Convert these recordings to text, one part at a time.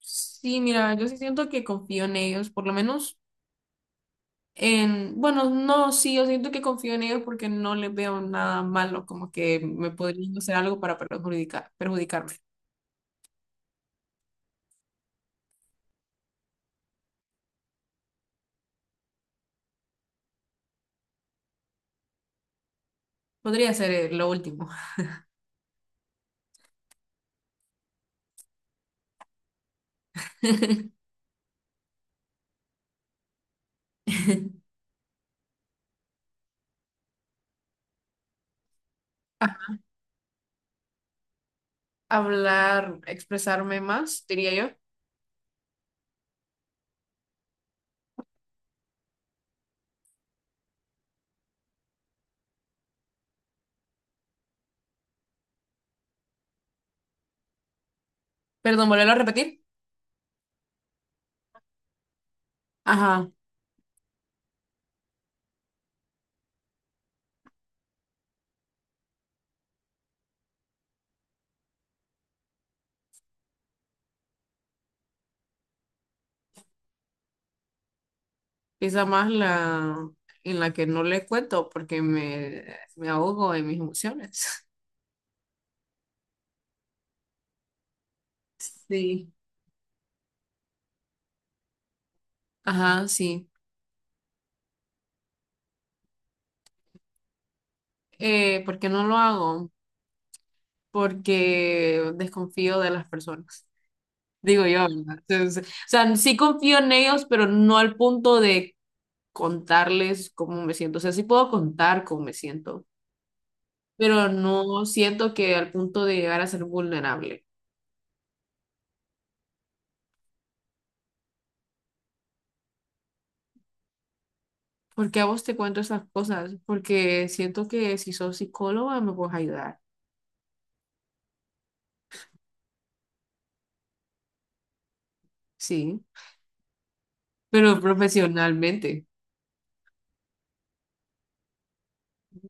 Sí, mira, yo sí siento que confío en ellos, por lo menos en, bueno, no, sí, yo siento que confío en ellos porque no les veo nada malo, como que me podrían hacer algo para perjudicar, perjudicarme. Podría ser lo último. Ah, hablar, expresarme más, diría yo. Perdón, volverlo a repetir. Ajá, quizá más la en la que no le cuento porque me ahogo en mis emociones. Sí. Ajá, sí. ¿Por qué no lo hago? Porque desconfío de las personas. Digo yo, ¿verdad? Entonces, o sea, sí confío en ellos, pero no al punto de contarles cómo me siento. O sea, sí puedo contar cómo me siento, pero no siento que al punto de llegar a ser vulnerable. ¿Por qué a vos te cuento estas cosas? Porque siento que si sos psicóloga me puedes ayudar, sí, pero profesionalmente.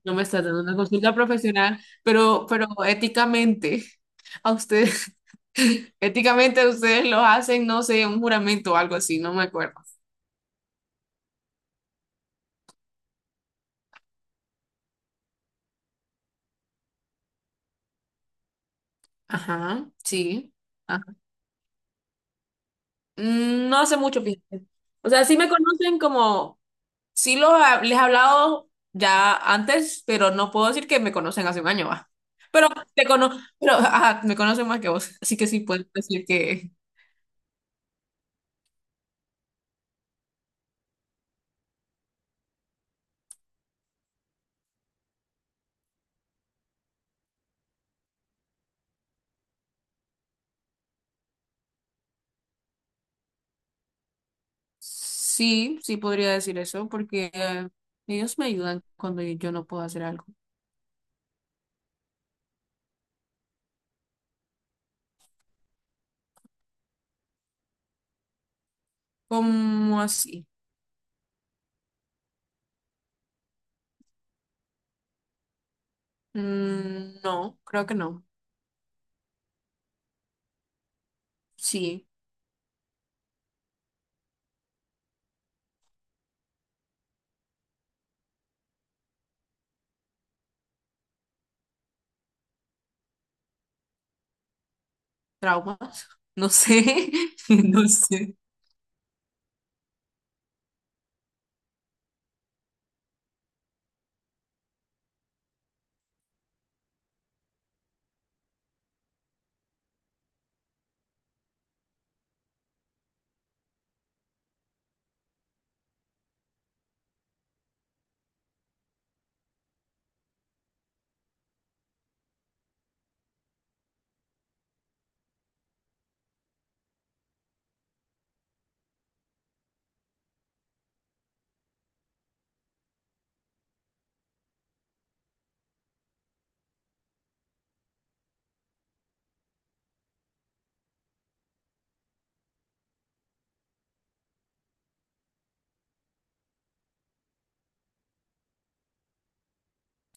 No me está dando una consulta profesional, pero éticamente, a ustedes, éticamente ustedes lo hacen, no sé, un juramento o algo así, no me acuerdo. Ajá, sí. Ajá. No hace mucho, fíjate. O sea, sí me conocen como, sí los, les he hablado ya antes, pero no puedo decir que me conocen hace un año, va. Pero te cono, pero ajá, me conocen más que vos, así que sí puedo decir que, sí, sí podría decir eso, porque ellos me ayudan cuando yo no puedo hacer algo. ¿Cómo así? No, creo que no. Sí, traumas. No sé, no sé.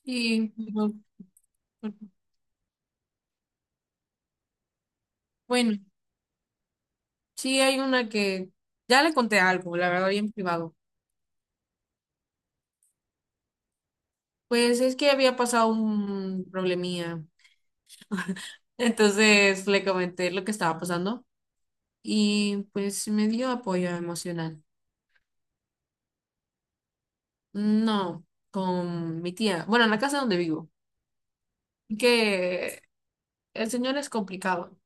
Y no, no, bueno, sí hay una que ya le conté algo, la verdad, bien privado. Pues es que había pasado un problemía. Entonces le comenté lo que estaba pasando y pues me dio apoyo emocional. No, con mi tía. Bueno, en la casa donde vivo. Que el señor es complicado.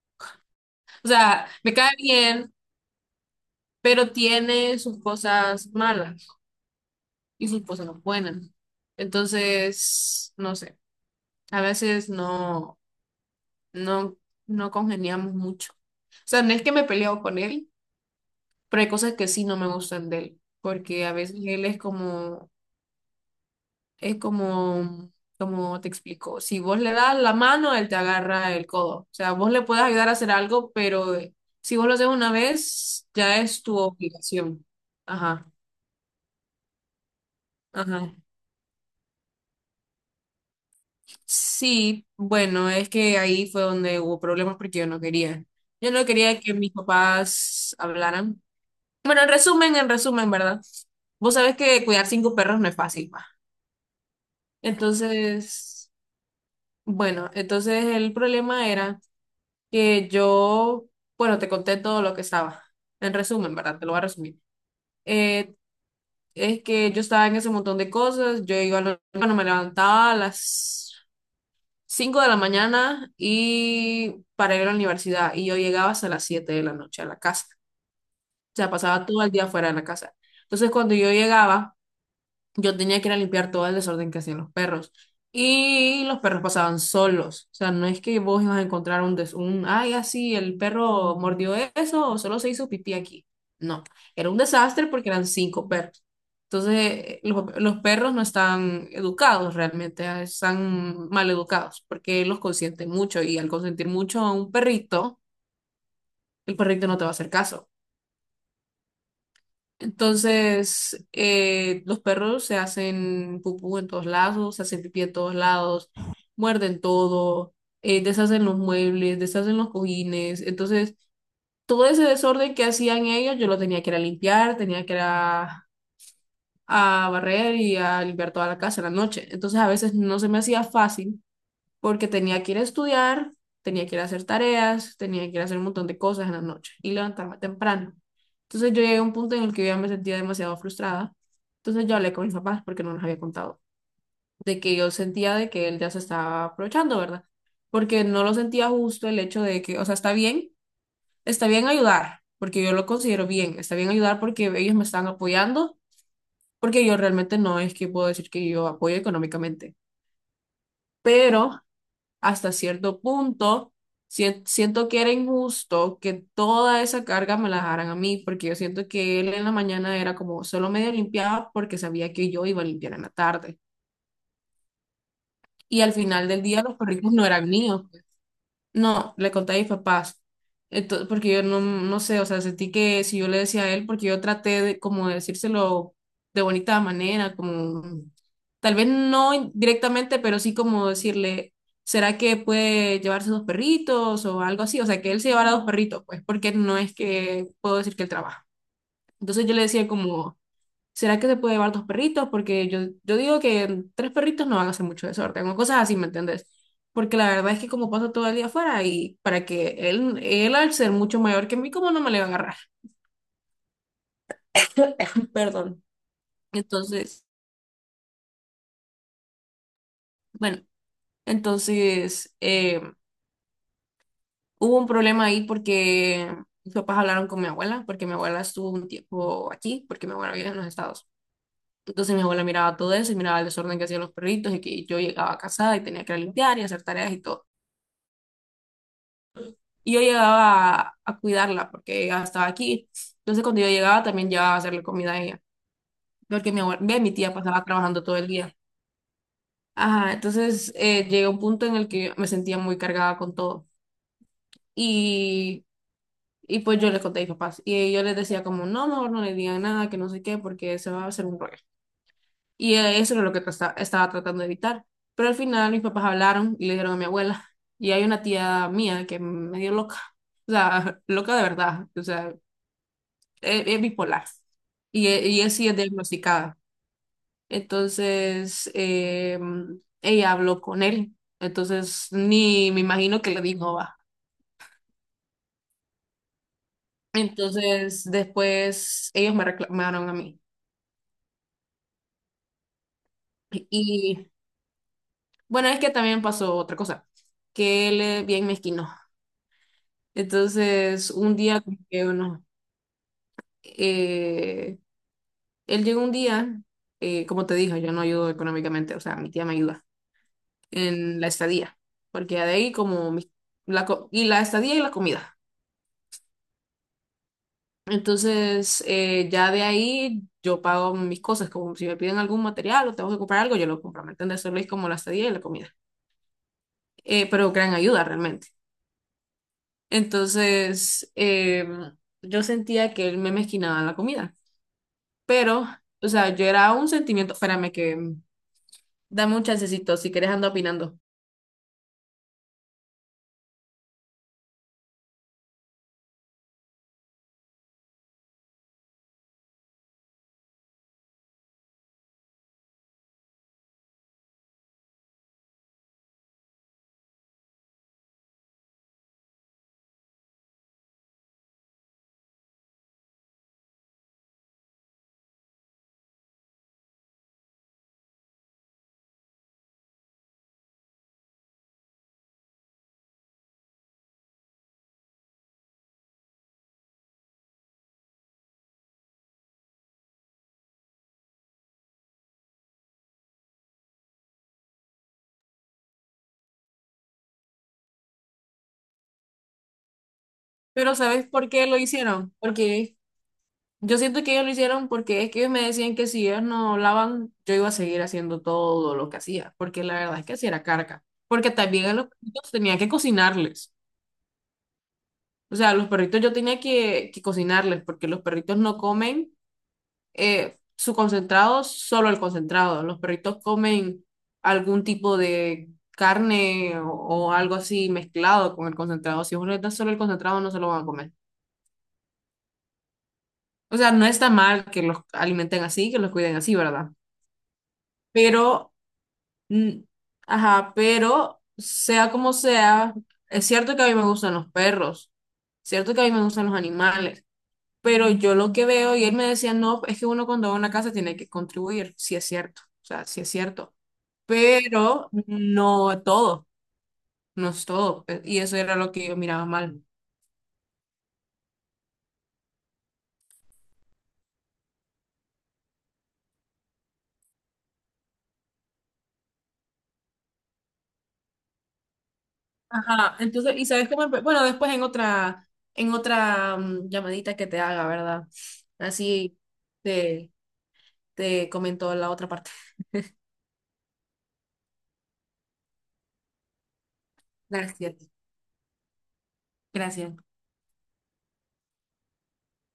O sea, me cae bien, pero tiene sus cosas malas y sus cosas no buenas. Entonces, no sé. A veces no, no congeniamos mucho. O sea, no es que me peleo con él, pero hay cosas que sí no me gustan de él. Porque a veces él es como. Es como, como te explico, si vos le das la mano, él te agarra el codo. O sea, vos le puedes ayudar a hacer algo, pero si vos lo haces una vez, ya es tu obligación. Ajá, ajá. Sí, bueno, es que ahí fue donde hubo problemas porque yo no quería. Yo no quería que mis papás hablaran. Bueno, en resumen, ¿verdad? Vos sabés que cuidar cinco perros no es fácil, pa. Entonces, bueno, entonces el problema era que yo, bueno, te conté todo lo que estaba. En resumen, ¿verdad? Te lo voy a resumir. Eh, es que yo estaba en ese montón de cosas. Yo iba, bueno, me levantaba a las 5 de la mañana y para ir a la universidad. Y yo llegaba hasta las 7 de la noche a la casa. O sea, pasaba todo el día fuera de la casa. Entonces, cuando yo llegaba, yo tenía que ir a limpiar todo el desorden que hacían los perros. Y los perros pasaban solos. O sea, no es que vos ibas a encontrar ay, así, el perro mordió eso o solo se hizo pipí aquí. No, era un desastre porque eran cinco perros. Entonces, los perros no están educados realmente, ah, están mal educados porque los consienten mucho y al consentir mucho a un perrito, el perrito no te va a hacer caso. Entonces, los perros se hacen pupú en todos lados, se hacen pipí en todos lados, muerden todo, deshacen los muebles, deshacen los cojines. Entonces, todo ese desorden que hacían ellos, yo lo tenía que ir a limpiar, tenía que ir a barrer y a limpiar toda la casa en la noche. Entonces, a veces no se me hacía fácil porque tenía que ir a estudiar, tenía que ir a hacer tareas, tenía que ir a hacer un montón de cosas en la noche y levantarme temprano. Entonces yo llegué a un punto en el que yo ya me sentía demasiado frustrada. Entonces yo hablé con mis papás porque no les había contado de que yo sentía de que él ya se estaba aprovechando, ¿verdad? Porque no lo sentía justo el hecho de que, o sea, está bien ayudar, porque yo lo considero bien, está bien ayudar porque ellos me están apoyando, porque yo realmente no es que puedo decir que yo apoyo económicamente, pero hasta cierto punto, siento que era injusto que toda esa carga me la dejaran a mí, porque yo siento que él en la mañana era como solo medio limpiaba porque sabía que yo iba a limpiar en la tarde. Y al final del día los perritos no eran míos. No, le conté a mis papás. Entonces, porque yo no, no sé, o sea, sentí que si yo le decía a él, porque yo traté de como de decírselo de bonita manera, como tal vez no directamente, pero sí como decirle, ¿será que puede llevarse dos perritos o algo así? O sea, que él se llevara dos perritos, pues, porque no es que puedo decir que él trabaja. Entonces yo le decía como, ¿será que se puede llevar dos perritos? Porque yo digo que tres perritos no van a hacer mucho desorden o cosas así, ¿me entendés? Porque la verdad es que como paso todo el día afuera y para que él al ser mucho mayor que mí, ¿cómo no me le va a agarrar? Perdón. Entonces, bueno, entonces hubo un problema ahí porque mis papás hablaron con mi abuela, porque mi abuela estuvo un tiempo aquí, porque mi abuela vive en los Estados. Entonces mi abuela miraba todo eso y miraba el desorden que hacían los perritos y que yo llegaba casada y tenía que limpiar y hacer tareas y todo. Y yo llegaba a cuidarla porque ella estaba aquí. Entonces cuando yo llegaba también llevaba a hacerle comida a ella, porque ve, mi tía pasaba trabajando todo el día. Ajá, entonces llegué a un punto en el que me sentía muy cargada con todo. Y, y pues yo les conté a mis papás. Y yo les decía como, no, mejor no le digan nada, que no sé qué, porque se va a hacer un rollo. Y eso era lo que estaba tratando de evitar. Pero al final mis papás hablaron y le dijeron a mi abuela. Y hay una tía mía que me dio loca. O sea, loca de verdad. O sea, es bipolar y él sí es diagnosticada. Entonces, ella habló con él. Entonces, ni me imagino que le dijo, va. Entonces, después ellos me reclamaron a mí. Y bueno, es que también pasó otra cosa, que él es bien mezquino. Entonces, un día, como que uno, eh, él llegó un día, como te dije, yo no ayudo económicamente, o sea, mi tía me ayuda. En la estadía, porque ya de ahí como y la estadía y la comida. Entonces, ya de ahí yo pago mis cosas, como si me piden algún material o tengo que comprar algo, yo lo compro, ¿me entiendes? Solo es como la estadía y la comida. Pero gran ayuda realmente. Entonces, yo sentía que él me mezquinaba la comida, pero, o sea, yo era un sentimiento, espérame que dame un chancecito, si quieres ando opinando. Pero ¿sabes por qué lo hicieron? Porque yo siento que ellos lo hicieron porque es que ellos me decían que si ellos no hablaban, yo iba a seguir haciendo todo lo que hacía, porque la verdad es que sí era carga, porque también a los perritos tenía que cocinarles, o sea, a los perritos yo tenía que cocinarles, porque los perritos no comen su concentrado, solo el concentrado, los perritos comen algún tipo de carne o algo así mezclado con el concentrado, si uno les da solo el concentrado no se lo van a comer. O sea, no está mal que los alimenten así, que los cuiden así, ¿verdad? Pero Mm, ajá, pero sea como sea, es cierto que a mí me gustan los perros, cierto que a mí me gustan los animales, pero yo lo que veo, y él me decía, no, es que uno cuando va a una casa tiene que contribuir, sí es cierto, o sea, sí es cierto, pero no todo, no es todo, y eso era lo que yo miraba mal. Ajá, entonces, y sabes cómo, bueno, después en otra, llamadita que te haga, ¿verdad? Así te, te comentó la otra parte. Gracias, gracias.